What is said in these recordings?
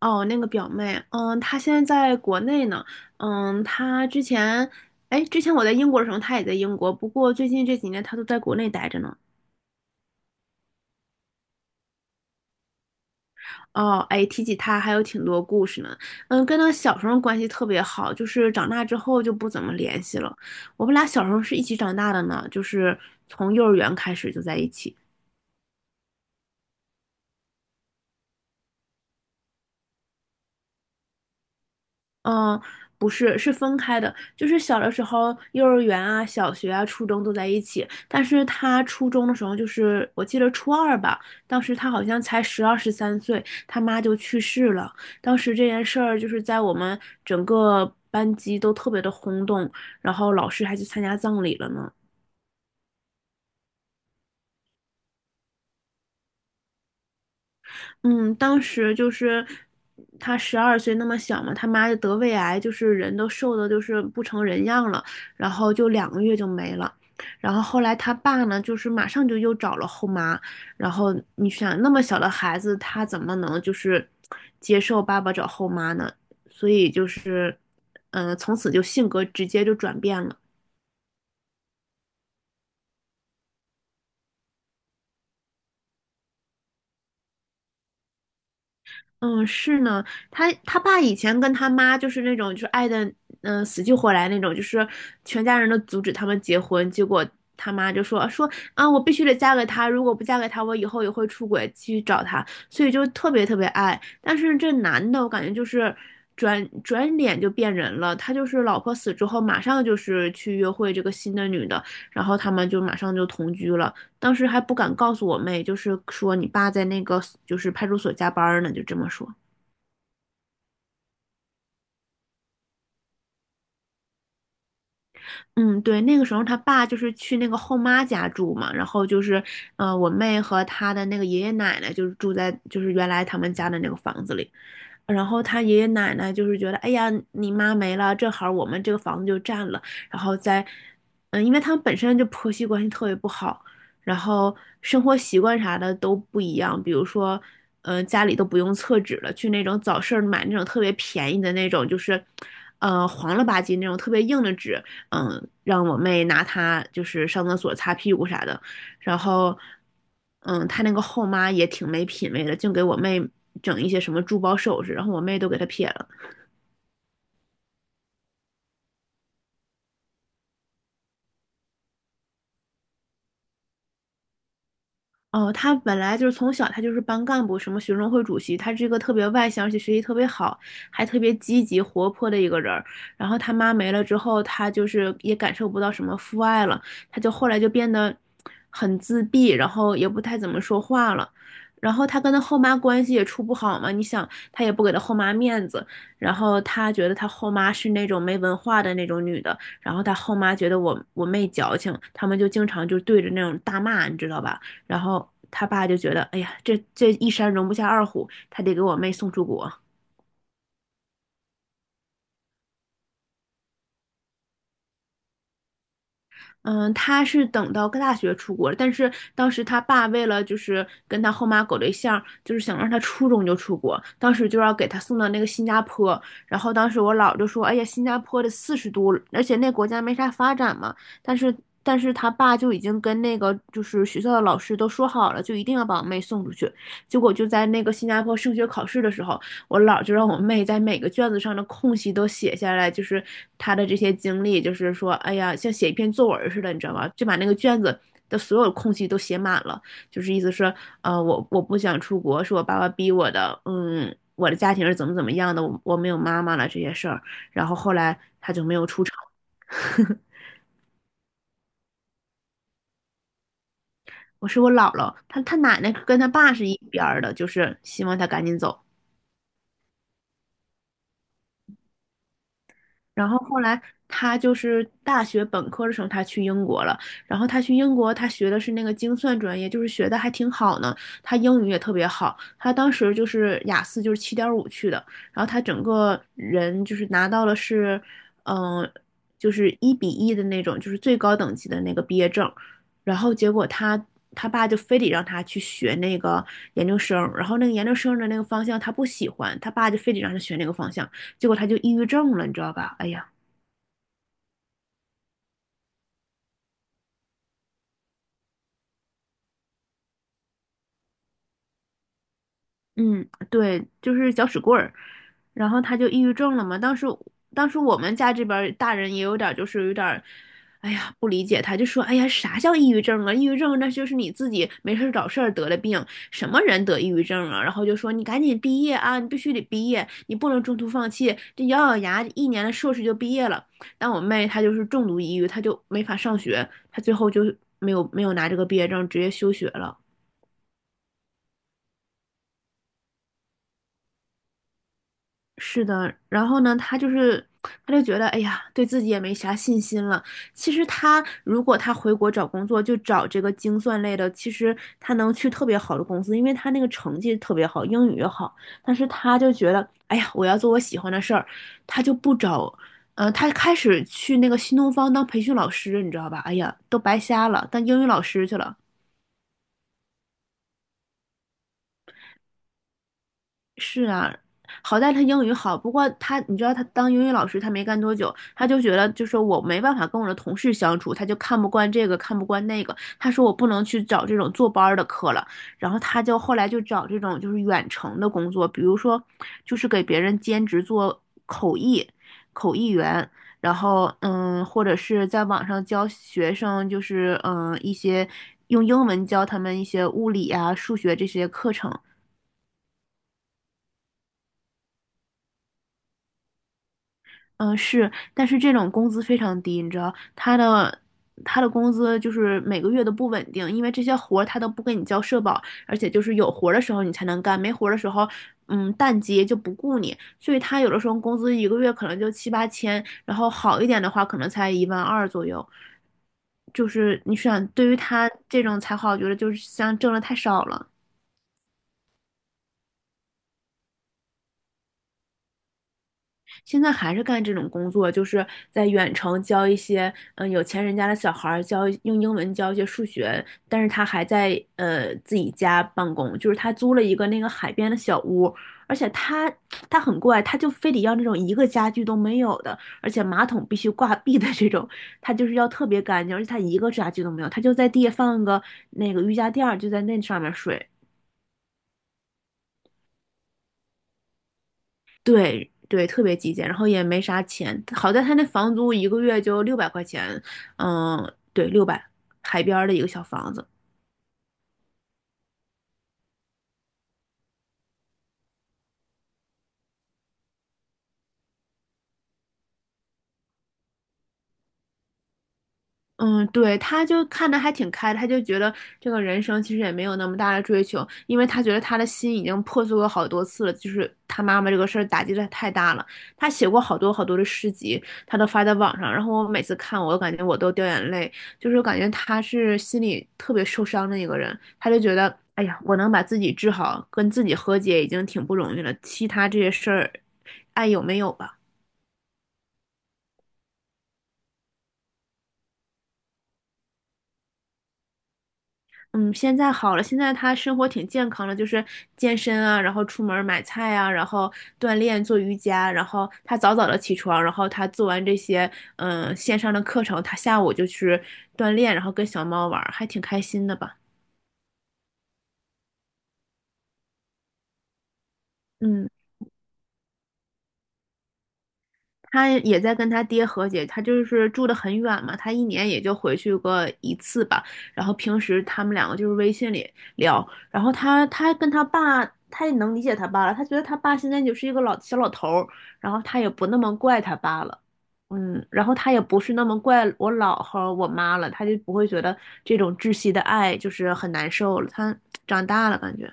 哦，那个表妹，她现在在国内呢。嗯，她之前，哎，之前我在英国的时候，她也在英国，不过最近这几年她都在国内待着呢。哦，哎，提起她还有挺多故事呢。跟她小时候关系特别好，就是长大之后就不怎么联系了。我们俩小时候是一起长大的呢，就是从幼儿园开始就在一起。嗯，不是，是分开的。就是小的时候，幼儿园啊、小学啊、初中都在一起。但是他初中的时候，就是我记得初二吧，当时他好像才12、13岁，他妈就去世了。当时这件事儿就是在我们整个班级都特别的轰动，然后老师还去参加葬礼了呢。嗯，当时就是他12岁那么小嘛，他妈就得胃癌，就是人都瘦的，就是不成人样了，然后就2个月就没了。然后后来他爸呢，就是马上就又找了后妈，然后你想那么小的孩子，他怎么能就是接受爸爸找后妈呢？所以就是，从此就性格直接就转变了。嗯，是呢，他爸以前跟他妈就是那种就是爱的，死去活来那种，就是全家人都阻止他们结婚，结果他妈就说啊，我必须得嫁给他，如果不嫁给他，我以后也会出轨，继续找他，所以就特别特别爱。但是这男的，我感觉就是转转脸就变人了，他就是老婆死之后，马上就是去约会这个新的女的，然后他们就马上就同居了。当时还不敢告诉我妹，就是说你爸在那个就是派出所加班呢，就这么说。嗯，对，那个时候他爸就是去那个后妈家住嘛，然后就是，我妹和她的那个爷爷奶奶就是住在就是原来他们家的那个房子里，然后他爷爷奶奶就是觉得，哎呀，你妈没了，正好我们这个房子就占了，然后再，因为他们本身就婆媳关系特别不好，然后生活习惯啥的都不一样，比如说，家里都不用厕纸了，去那种早市儿买那种特别便宜的那种，就是，黄了吧唧那种特别硬的纸，让我妹拿它就是上厕所擦屁股啥的。然后，他那个后妈也挺没品位的，净给我妹整一些什么珠宝首饰，然后我妹都给他撇了。哦，他本来就是从小他就是班干部，什么学生会主席，他是一个特别外向，而且学习特别好，还特别积极活泼的一个人儿。然后他妈没了之后，他就是也感受不到什么父爱了，他就后来就变得很自闭，然后也不太怎么说话了。然后他跟他后妈关系也处不好嘛，你想他也不给他后妈面子，然后他觉得他后妈是那种没文化的那种女的，然后他后妈觉得我妹矫情，他们就经常就对着那种大骂，你知道吧？然后他爸就觉得，哎呀，这一山容不下二虎，他得给我妹送出国。嗯，他是等到大学出国，但是当时他爸为了就是跟他后妈搞对象，就是想让他初中就出国，当时就要给他送到那个新加坡。然后当时我姥就说：“哎呀，新加坡的40度，而且那国家没啥发展嘛。”但是但是他爸就已经跟那个就是学校的老师都说好了，就一定要把我妹送出去。结果就在那个新加坡升学考试的时候，我姥就让我妹在每个卷子上的空隙都写下来，就是她的这些经历，就是说，哎呀，像写一篇作文似的，你知道吧？就把那个卷子的所有空隙都写满了，就是意思是，我不想出国，是我爸爸逼我的，我的家庭是怎么怎么样的，我没有妈妈了这些事儿，然后后来她就没有出场。我是我姥姥，她奶奶跟她爸是一边儿的，就是希望她赶紧走。然后后来他就是大学本科的时候，他去英国了。然后他去英国，他学的是那个精算专业，就是学的还挺好呢。他英语也特别好，他当时就是雅思就是7.5去的。然后他整个人就是拿到了是，嗯、就是1:1的那种，就是最高等级的那个毕业证。然后结果他爸就非得让他去学那个研究生，然后那个研究生的那个方向他不喜欢，他爸就非得让他学那个方向。结果他就抑郁症了，你知道吧？哎呀，嗯，对，就是搅屎棍儿，然后他就抑郁症了嘛。当时我们家这边儿大人也有点儿就是有点儿，哎呀，不理解他，就说哎呀，啥叫抑郁症啊？抑郁症那就是你自己没事儿找事儿得了病，什么人得抑郁症啊？然后就说你赶紧毕业啊，你必须得毕业，你不能中途放弃，这咬咬牙一年的硕士就毕业了。但我妹她就是重度抑郁，她就没法上学，她最后就没有拿这个毕业证，直接休学了。是的，然后呢，他就觉得，哎呀，对自己也没啥信心了。其实他如果他回国找工作，就找这个精算类的，其实他能去特别好的公司，因为他那个成绩特别好，英语也好。但是他就觉得，哎呀，我要做我喜欢的事儿，他就不找，他开始去那个新东方当培训老师，你知道吧？哎呀，都白瞎了，当英语老师去了。是啊，好在他英语好，不过他，你知道他当英语老师，他没干多久，他就觉得就是我没办法跟我的同事相处，他就看不惯这个，看不惯那个。他说我不能去找这种坐班儿的课了，然后他就后来就找这种就是远程的工作，比如说就是给别人兼职做口译，口译员，然后或者是在网上教学生，就是一些用英文教他们一些物理啊、数学这些课程。嗯，是，但是这种工资非常低，你知道，他的工资就是每个月都不稳定，因为这些活儿他都不给你交社保，而且就是有活儿的时候你才能干，没活儿的时候，淡季就不雇你，所以他有的时候工资一个月可能就7、8千，然后好一点的话可能才1万2左右，就是你想，对于他这种才好，我觉得就是像挣的太少了。现在还是干这种工作，就是在远程教一些有钱人家的小孩儿教用英文教一些数学，但是他还在自己家办公，就是他租了一个那个海边的小屋，而且他很怪，他就非得要那种一个家具都没有的，而且马桶必须挂壁的这种，他就是要特别干净，而且他一个家具都没有，他就在地下放个那个瑜伽垫儿，就在那上面睡。对对，特别极简，然后也没啥钱。好在他那房租一个月就600块钱，嗯，对，六百，海边儿的一个小房子。嗯，对，他就看的还挺开的他就觉得这个人生其实也没有那么大的追求，因为他觉得他的心已经破碎过好多次了，就是他妈妈这个事儿打击的太大了。他写过好多好多的诗集，他都发在网上，然后我每次看我，我感觉我都掉眼泪，就是感觉他是心里特别受伤的一个人，他就觉得，哎呀，我能把自己治好，跟自己和解已经挺不容易了，其他这些事儿，爱有没有吧？嗯，现在好了，现在他生活挺健康的，就是健身啊，然后出门儿买菜啊，然后锻炼做瑜伽，然后他早早的起床，然后他做完这些线上的课程，他下午就去锻炼，然后跟小猫玩儿还挺开心的吧。嗯。他也在跟他爹和解，他就是住得很远嘛，他一年也就回去过一次吧。然后平时他们两个就是微信里聊，然后他跟他爸，他也能理解他爸了，他觉得他爸现在就是一个老小老头儿，然后他也不那么怪他爸了，然后他也不是那么怪我姥和我妈了，他就不会觉得这种窒息的爱就是很难受了，他长大了感觉。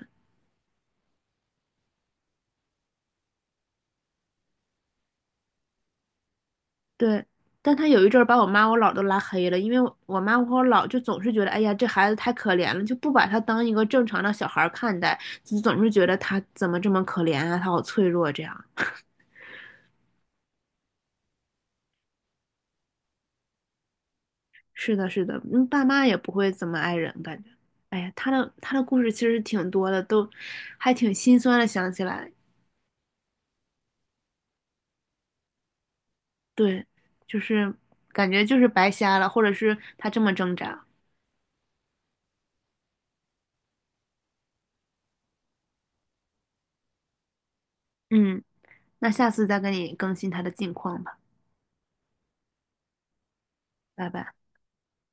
对，但他有一阵儿把我妈我姥儿都拉黑了，因为我妈和我姥就总是觉得，哎呀，这孩子太可怜了，就不把他当一个正常的小孩儿看待，就总是觉得他怎么这么可怜啊，他好脆弱这样。是的，是的，爸妈也不会怎么爱人，感觉，哎呀，他的故事其实挺多的，都还挺心酸的，想起来，对，就是感觉就是白瞎了，或者是他这么挣扎，嗯，那下次再跟你更新他的近况吧，拜拜。